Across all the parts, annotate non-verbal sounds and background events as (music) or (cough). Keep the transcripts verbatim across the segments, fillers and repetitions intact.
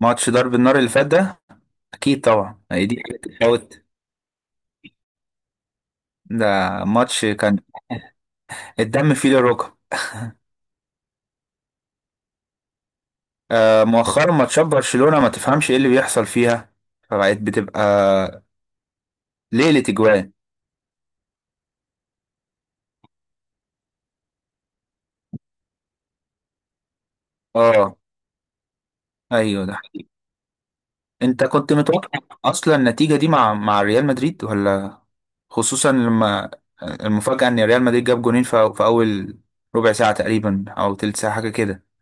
ماتش ضرب النار اللي فات ده. اكيد طبعا، هي دي حاجة تتفوت؟ ده ماتش كان الدم فيه للركب. آه، مؤخرا ماتشات برشلونة ما تفهمش ايه اللي بيحصل فيها، فبقت بتبقى ليلة اجوان. اه ايوه ده. انت كنت متوقع اصلا النتيجة دي مع مع ريال مدريد؟ ولا خصوصا لما المفاجأة ان ريال مدريد جاب جونين في في اول ربع ساعة تقريبا او تلت ساعة حاجة كده.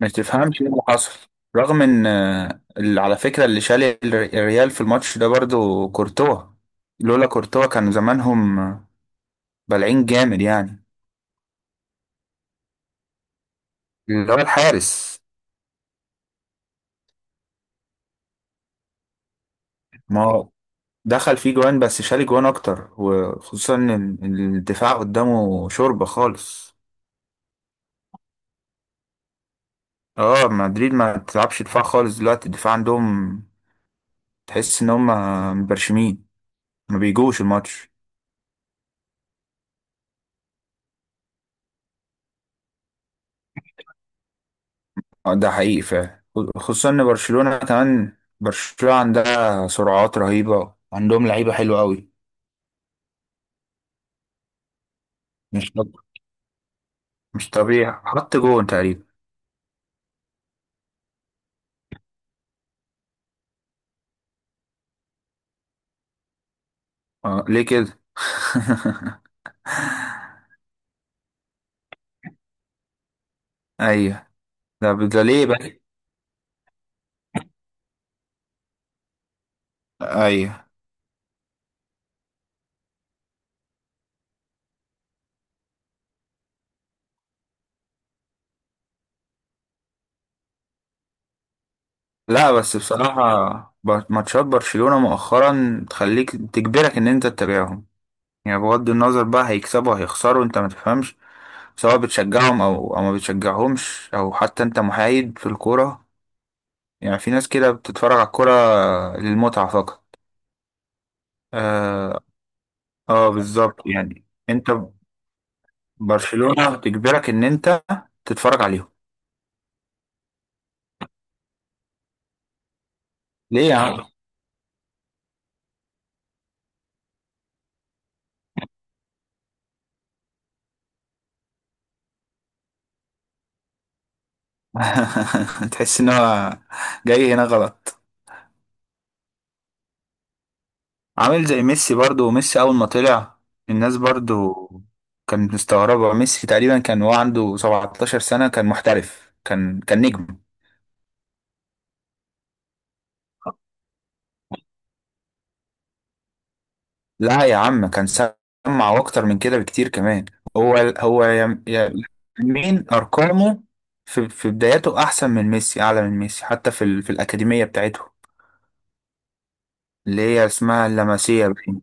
ما تفهمش ايه اللي حصل، رغم ان آه، اللي على فكرة اللي شال الر- الريال في الماتش ده برضو كورتوا. لولا كورتوا كان زمانهم آه، بلعين جامد يعني. اللي هو الحارس. ما هو دخل فيه جوان بس شال جوان اكتر، وخصوصا ان إن الدفاع قدامه شوربة خالص. اه مدريد ما تلعبش دفاع خالص دلوقتي، الدفاع عندهم تحس ان هم مبرشمين، ما بيجوش الماتش. آه، ده حقيقي فعلا، خصوصا ان برشلونة كمان، برشلونة عندها سرعات رهيبة، عندهم لعيبة حلوة قوي. مش طب... مش طبيعي، حط جون تقريبا. آه ليه كده؟ (laughs) ايوه. ده ده ليه بقى؟ ايوه. لا بس بصراحة، بر- ماتشات برشلونة مؤخرا تخليك تجبرك ان انت تتابعهم. يعني بغض النظر بقى هيكسبوا هيخسروا، انت ما تفهمش. سواء بتشجعهم او او ما بتشجعهمش، او حتى انت محايد في الكورة. يعني في ناس كده بتتفرج على الكرة للمتعة فقط. اه. آه بالظبط، يعني انت برشلونة بتجبرك ان انت تتفرج عليهم. ليه يا عم؟ (laughs) تحس ان هو جاي هنا غلط. عامل زي ميسي، برضو ميسي اول ما طلع الناس برضو كانت مستغربة. ميسي تقريبا كان هو عنده سبعة عشر سنة كان محترف، كان كان نجم. لا يا عم كان سمع واكتر من كده بكتير كمان. هو هو يم- يم- مين ارقامه في في بداياته احسن من ميسي، اعلى من ميسي، حتى في ال- في الاكاديميه بتاعته اللي هي اسمها اللمسيه باين.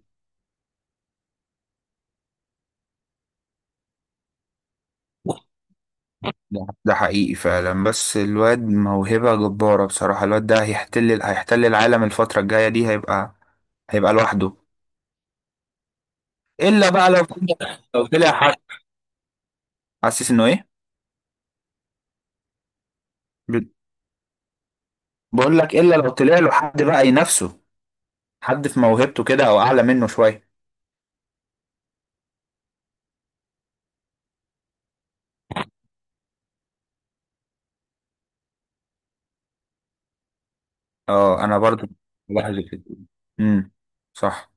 ده ده حقيقي فعلا، بس الواد موهبه جباره بصراحه. الواد ده هيحتل هيحتل العالم الفتره الجايه دي، هيبقى هيبقى لوحده. الا بقى لو لو طلع حد، حاسس انه ايه. بقول لك الا لو طلع له حد بقى ينافسه، حد في موهبته كده او اعلى منه شويه. اه انا برضو بلاحظ كده. امم صح.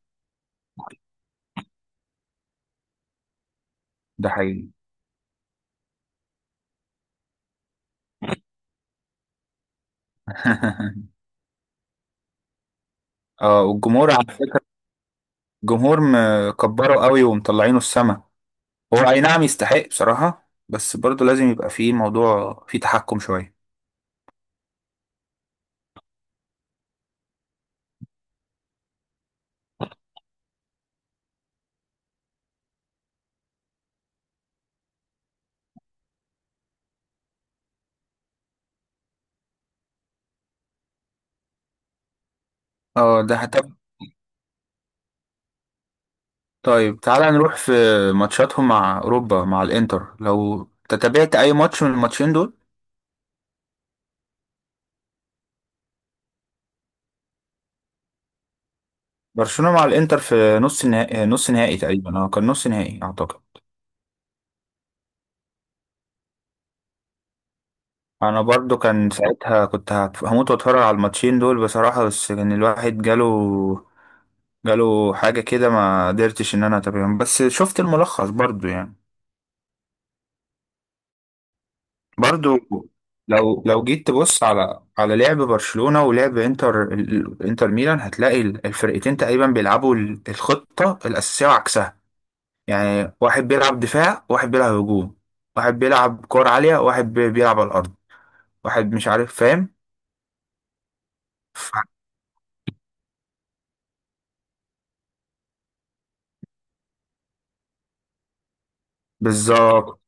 ده حقيقي. (laughs) اه والجمهور عارف، الجمهور مكبره قوي ومطلعينه السما. هو اي نعم يستحق بصراحة، بس برضو لازم يبقى فيه موضوع فيه تحكم شوية. اه ده حتى. طيب تعالى نروح في ماتشاتهم مع اوروبا، مع الانتر. لو تتابعت اي ماتش من الماتشين دول، برشلونة مع الانتر في نص نهائي، نص نهائي تقريبا، اه كان نص نهائي اعتقد. انا برضو كان ساعتها كنت هت- هموت واتفرج على الماتشين دول بصراحة، بس كان الواحد جاله جاله حاجة كده، ما قدرتش ان انا اتابعهم، بس شفت الملخص برضو يعني. برضو لو لو جيت تبص على على لعب برشلونة ولعب انتر، ال- ال- انتر ميلان، هتلاقي ال- الفرقتين تقريبا بيلعبوا ال- الخطة الأساسية وعكسها. يعني واحد بيلعب دفاع واحد بيلعب هجوم، واحد بيلعب كور عالية واحد بي- بيلعب على الأرض، واحد مش عارف فاهم. ف- بالظبط.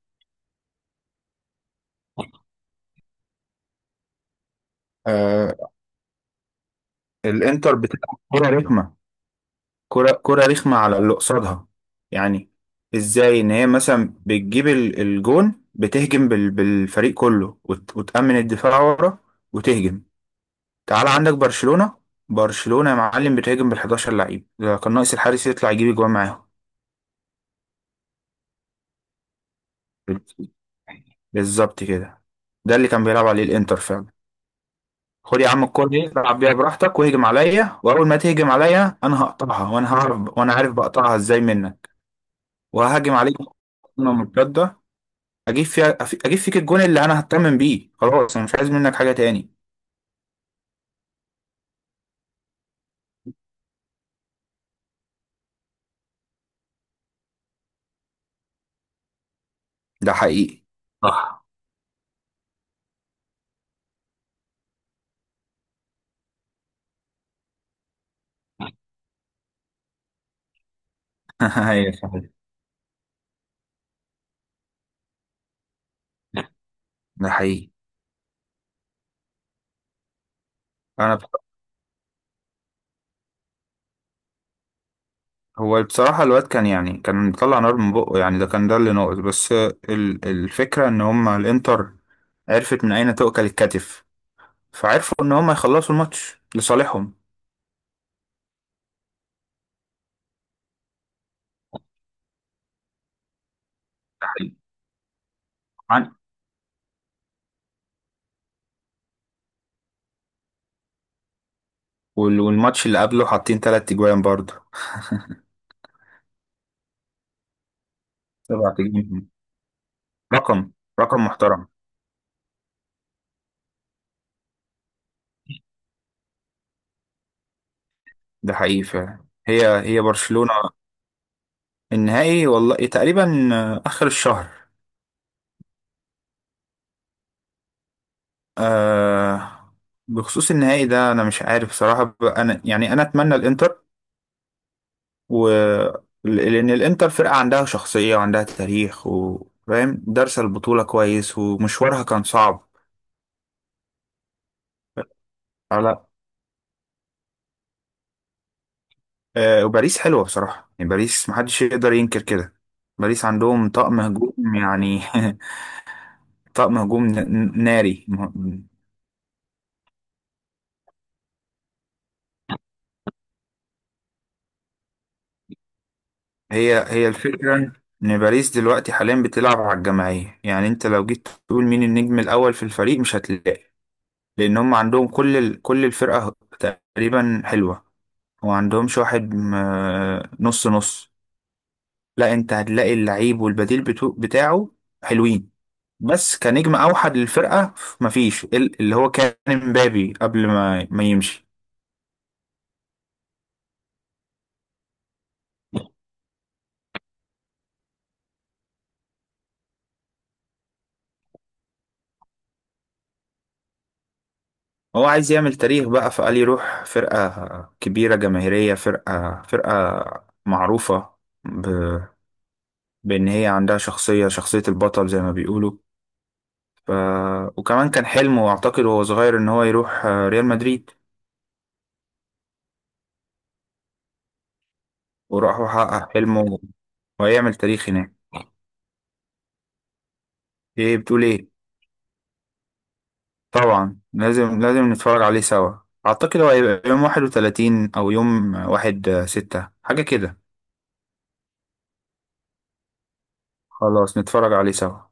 آه، الانتر بتلعب كرة رخمة، كرة كرة رخمة على اللي قصادها. يعني ازاي ان هي مثلا بتجيب ال- الجون، بتهجم بال- بالفريق كله وت- وتأمن الدفاع ورا، وتهجم. تعال عندك برشلونة، برشلونة يا معلم بتهاجم بال حداشر لعيب، ده كان ناقص الحارس يطلع يجيب اجوان معاهم. بالظبط كده، ده اللي كان بيلعب عليه الانتر فعلا. خد يا عم الكورة دي العب بيها براحتك واهجم عليا، واول ما تهجم عليا انا هقطعها، وانا هعرف وانا عارف بقطعها ازاي منك، وهاجم عليك هجمة مرتدة اجيب فيها، اجيب فيك الجون اللي انا هتمم بيه، خلاص انا مش عايز منك حاجة تاني. ده حقيقي. صح. (laughs) ايوه صحيح. ده حقيقي. انا بص- هو بصراحة الواد كان يعني كان بيطلع نار من بقه يعني، ده كان ده اللي ناقص، بس ال- الفكرة ان هما الانتر عرفت من اين تؤكل الكتف، فعرفوا ان هما يخلصوا الماتش لصالحهم. ده حقيقي. عن- وال- والماتش اللي قبله حاطين تلات تجوان برضه. سبعة تجوان، رقم رقم محترم. ده حقيقي فعلا. هي هي برشلونة. النهائي والله تقريبا آخر الشهر. آه بخصوص النهائي ده أنا مش عارف صراحة، ب- أنا يعني أنا أتمنى الإنتر. و لأن الإنتر فرقة عندها شخصية وعندها تاريخ وفاهم، دارسة البطولة كويس ومشوارها كان صعب. على آه، وباريس حلوة بصراحة، يعني باريس محدش يقدر ينكر كده. باريس عندهم طقم هجوم يعني، (laughs) طقم هجوم ن- ناري. هي هي الفكرة، إن باريس دلوقتي حاليا بتلعب على الجماعية. يعني أنت لو جيت تقول مين النجم الأول في الفريق مش هتلاقي، لأن هم عندهم كل ال... كل الفرقة تقريبا حلوة، وما عندهمش واحد م- نص نص. لا أنت هتلاقي اللعيب والبديل بتو... بتاعه حلوين، بس كنجم أوحد للفرقة مفيش ال- اللي هو كان مبابي قبل ما ما يمشي. هو عايز يعمل تاريخ بقى فقال يروح فرقة كبيرة جماهيرية، فرقة فرقة معروفة، ب... بإن هي عندها شخصية، شخصية البطل زي ما بيقولوا. ف... وكمان كان حلمه أعتقد وهو صغير إن هو يروح آه، ريال مدريد. وراح وحقق حلمه وهيعمل تاريخ هناك. إيه بتقول إيه؟ طبعا لازم، لازم نتفرج عليه سوا. أعتقد هو هيبقى يوم واحد وتلاتين أو يوم واحد آه، ستة حاجة كده. خلاص نتفرج عليه سوا.